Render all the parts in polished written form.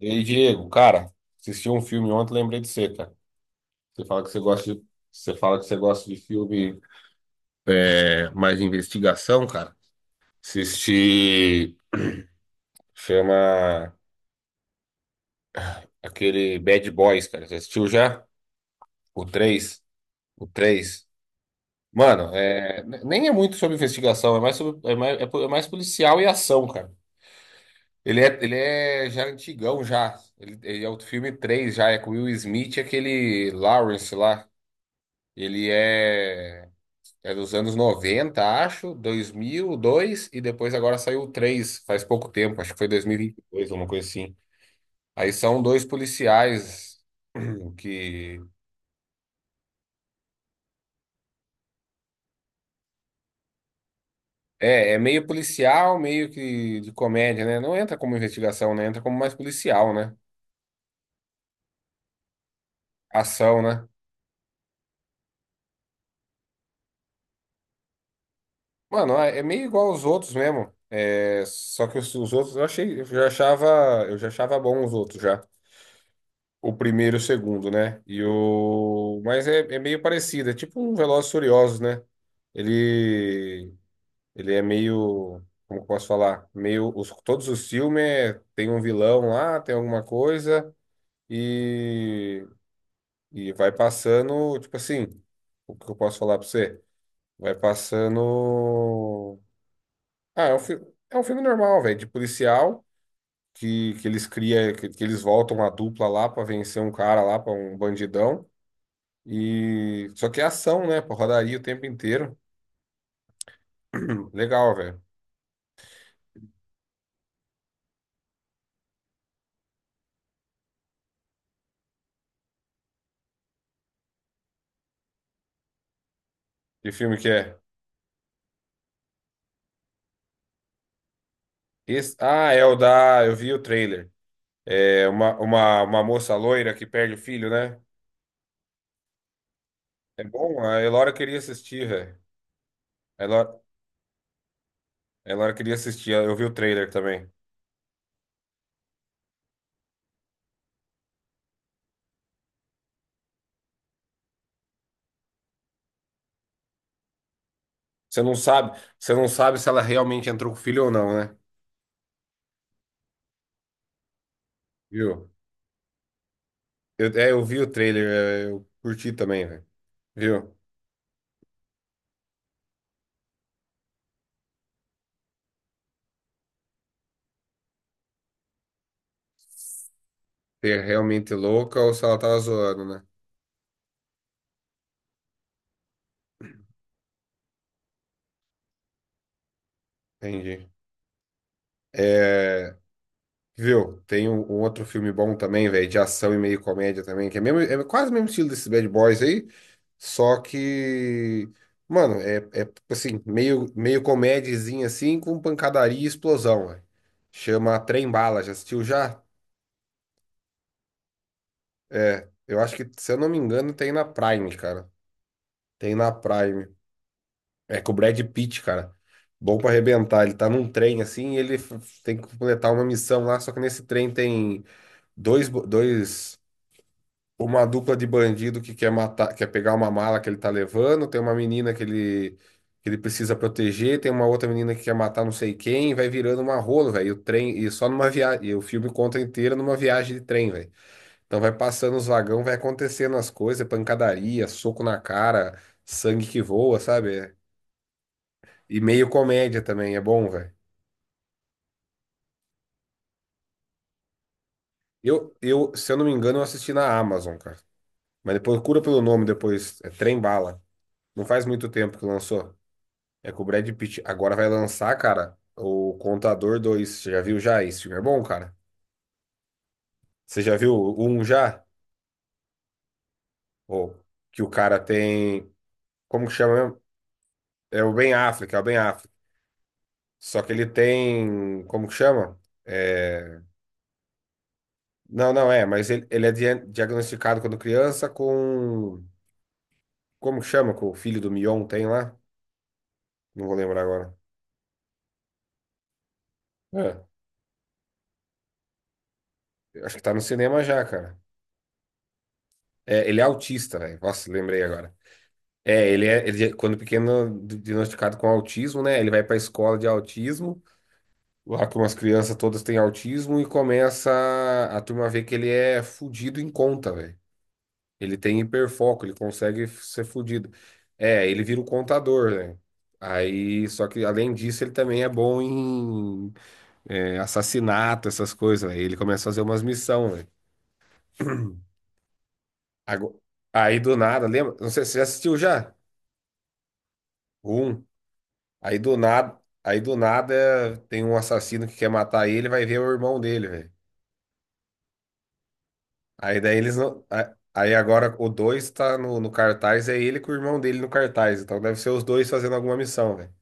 E aí, Diego, cara, assisti um filme ontem, lembrei de você, cara. Você fala que você gosta de, Você fala que você gosta de filme mais de investigação, cara. Assisti, chama aquele Bad Boys, cara. Você assistiu já? O 3, O 3. Mano, nem é muito sobre investigação, é mais, sobre, é mais, é mais policial e ação, cara. Ele é já antigão, já. Ele é o filme 3 já. É com o Will Smith e aquele Lawrence lá. Ele é. É dos anos 90, acho, 2002 e dois, e depois agora saiu o 3, faz pouco tempo, acho que foi dois mil e vinte e dois alguma coisa assim. Aí são dois policiais que é, é meio policial, meio que de comédia, né? Não entra como investigação, né? Entra como mais policial, né? Ação, né? Mano, é meio igual aos outros mesmo. É, só que os outros eu achei, eu já achava bom os outros já. O primeiro e o segundo, né? E o... Mas é meio parecido, é tipo um Velozes e Furiosos, né? Ele, ele é meio, como que eu posso falar? Meio, todos os filmes tem um vilão lá, tem alguma coisa, e, e vai passando, tipo assim, o que eu posso falar pra você? Vai passando... Ah, é um filme normal, velho, de policial, que eles cria, que eles voltam a dupla lá pra vencer um cara lá, pra um bandidão. E só que é ação, né? Pô, rodaria o tempo inteiro. Legal, velho. Que filme que é? Esse... Ah, é o da. Eu vi o trailer. É uma moça loira que perde o filho, né? É bom? A Elora queria assistir, velho. A Elora... a Elora queria assistir. Eu vi o trailer também. Você não sabe se ela realmente entrou com o filho ou não, né? Viu? Eu, eu vi o trailer, eu curti também, velho. Viu? Se é realmente louca ou se ela tava zoando, né? Entendi. É. Viu? Tem um outro filme bom também, velho, de ação e meio comédia também, que é, mesmo, é quase o mesmo estilo desses Bad Boys aí, só que, mano, é assim, meio comédiazinha assim, com pancadaria e explosão, velho. Chama Trem Bala, já assistiu já? É, eu acho que, se eu não me engano, tem na Prime, cara. Tem na Prime. É com o Brad Pitt, cara. Bom pra arrebentar. Ele tá num trem assim e tem que completar uma missão lá, só que nesse trem tem dois, bo- dois uma dupla de bandido que quer matar, quer pegar uma mala que ele tá levando, tem uma menina que ele precisa proteger, tem uma outra menina que quer matar não sei quem, vai virando uma rola, velho. E só numa viagem, e o filme conta inteiro numa viagem de trem, velho. Então vai passando os vagão, vai acontecendo as coisas, é pancadaria, soco na cara, sangue que voa, sabe? E meio comédia também, é bom, velho. Se eu não me engano, eu assisti na Amazon, cara. Mas depois procura pelo nome depois, é Trem Bala. Não faz muito tempo que lançou. É com o Brad Pitt. Agora vai lançar, cara, o Contador 2. Você já viu já? Esse filme é bom, cara. Você já viu o um já? Ô, que o cara tem. Como que chama mesmo? É o Ben Affleck, é o Ben Affleck. Só que ele tem. Como que chama? É... Não, não é, mas ele, diagnosticado quando criança com. Como que chama? Com o filho do Mion tem lá? Não vou lembrar agora. É, acho que tá no cinema já, cara. É, ele é autista, velho. Nossa, lembrei agora. É, ele, quando pequeno, diagnosticado com autismo, né? Ele vai para a escola de autismo, lá que umas crianças todas têm autismo, e começa a turma ver que ele é fudido em conta, velho. Ele tem hiperfoco, ele consegue ser fudido. É, ele vira o contador, né? Aí, só que além disso, ele também é bom em assassinato, essas coisas, velho. Ele começa a fazer umas missões, velho. Ago- Aí do nada, lembra? Não sei, você já assistiu já? Um. Aí do nada tem um assassino que quer matar ele, vai ver o irmão dele, velho. Aí daí eles não. a- Aí agora o dois tá no cartaz, é ele com o irmão dele no cartaz. Então deve ser os dois fazendo alguma missão, velho.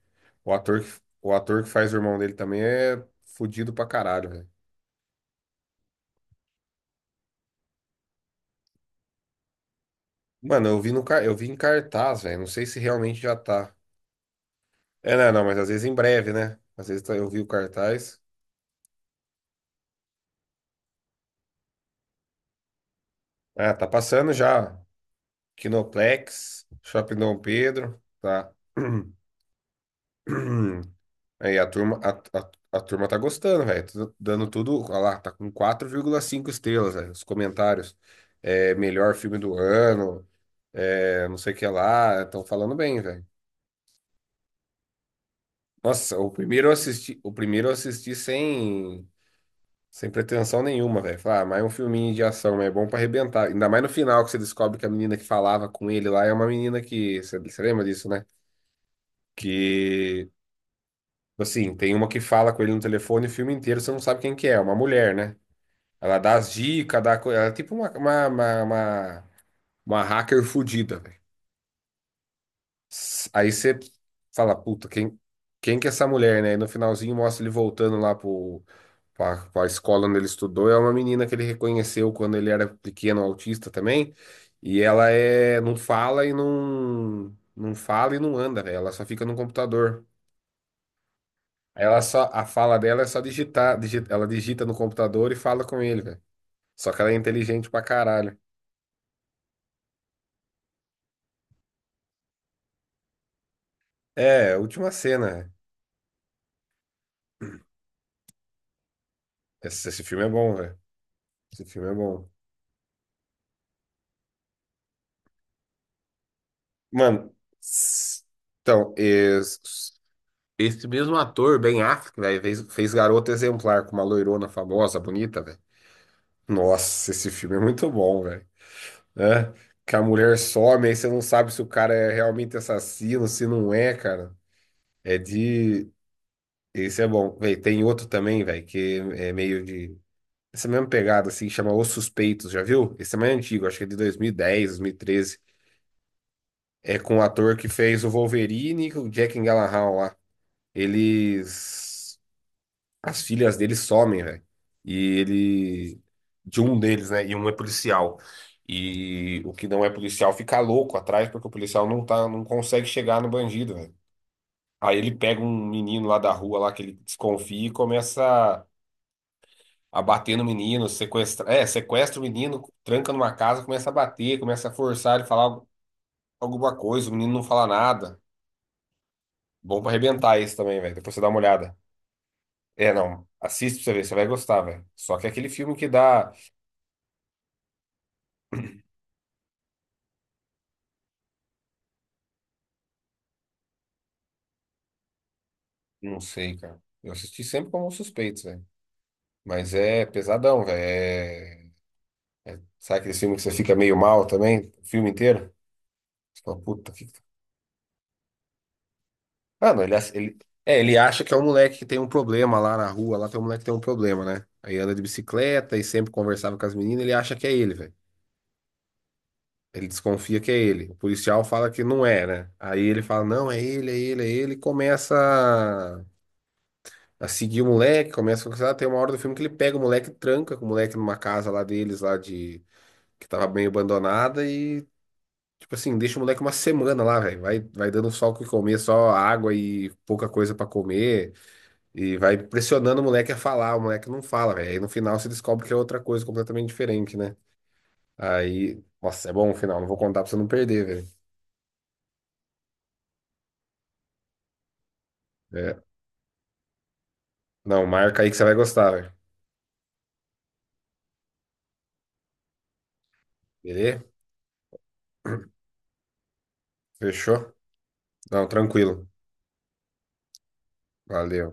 O ator que, o ator que faz o irmão dele também é fudido pra caralho, velho. Mano, eu vi em cartaz, velho. Não sei se realmente já tá. É, não, mas às vezes em breve, né? Eu vi o cartaz. Ah, tá passando já. Kinoplex, Shopping Dom Pedro, tá. Aí a turma tá gostando, velho. Tá dando tudo, olha lá, tá com 4,5 estrelas, velho. Os comentários. É, melhor filme do ano, é, não sei o que lá. Estão falando bem, velho. Nossa, o primeiro eu assisti sem pretensão nenhuma, velho. Falar, ah, mas é um filminho de ação, mas é bom pra arrebentar. Ainda mais no final que você descobre que a menina que falava com ele lá é uma menina que. Você lembra disso, né? Que. Tipo assim, tem uma que fala com ele no telefone o filme inteiro, você não sabe quem que é, é uma mulher, né? Ela dá as dicas, dá coisa. Ela é tipo uma hacker fudida velho. Aí você fala, puta, quem que é essa mulher, né? E no finalzinho mostra ele voltando lá pra escola onde ele estudou. É uma menina que ele reconheceu quando ele era pequeno, autista também. E ela é, não fala e não anda, velho. Ela só fica no computador. A fala dela é só digitar, ela digita no computador e fala com ele, velho. Só que ela é inteligente pra caralho. É, a última cena. Esse filme é bom, velho. Esse filme é bom. Mano, s- então, es- esse, mesmo ator, Ben Affleck, velho, fez Garota Exemplar com uma loirona famosa, bonita, velho. Nossa, esse filme é muito bom, velho. Né? Que a mulher some, aí você não sabe se o cara é realmente assassino, se não é, cara. É de. Esse é bom. Véi, tem outro também, velho, que é meio de. Essa mesma pegada, assim, chama Os Suspeitos, já viu? Esse é mais antigo, acho que é de 2010, 2013. É com o ator que fez o Wolverine e o Jack Gyllenhaal lá. Eles. As filhas deles somem, velho. E ele. De um deles, né? E um é policial. E o que não é policial fica louco atrás, porque o policial não tá, não consegue chegar no bandido, velho. Aí ele pega um menino lá da rua, lá que ele desconfia e começa a bater no menino, sequestra, é, sequestra o menino, tranca numa casa, começa a bater, começa a forçar ele a falar alguma coisa, o menino não fala nada. Bom pra arrebentar esse também, velho. Depois você dá uma olhada. É, não. Assiste pra você ver, você vai gostar, velho. Só que é aquele filme que dá. Não sei, cara. Eu assisti sempre como Suspeitos, velho. Mas é pesadão, velho. É... Sabe aquele filme que você fica meio mal também? O filme inteiro? Você fala, puta, que... Mano, ele... É, ele acha que é um moleque que tem um problema lá na rua. Lá tem um moleque que tem um problema, né? Aí anda de bicicleta e sempre conversava com as meninas. Ele acha que é ele, velho. Ele desconfia que é ele. O policial fala que não é, né? Aí ele fala, não, é ele, é ele, é ele. E começa a a seguir o moleque, começa a conversar. Tem uma hora do filme que ele pega o moleque, e tranca com o moleque numa casa lá deles, lá de... Que tava meio abandonada e, tipo assim, deixa o moleque uma semana lá, velho. Vai dando só o que comer, só água e pouca coisa pra comer. E vai pressionando o moleque a falar. O moleque não fala, velho. Aí no final se descobre que é outra coisa completamente diferente, né? Aí... Nossa, é bom o final. Não vou contar pra você não perder, velho. É, não, marca aí que você vai gostar, velho. Beleza? Fechou? Não, tranquilo. Valeu.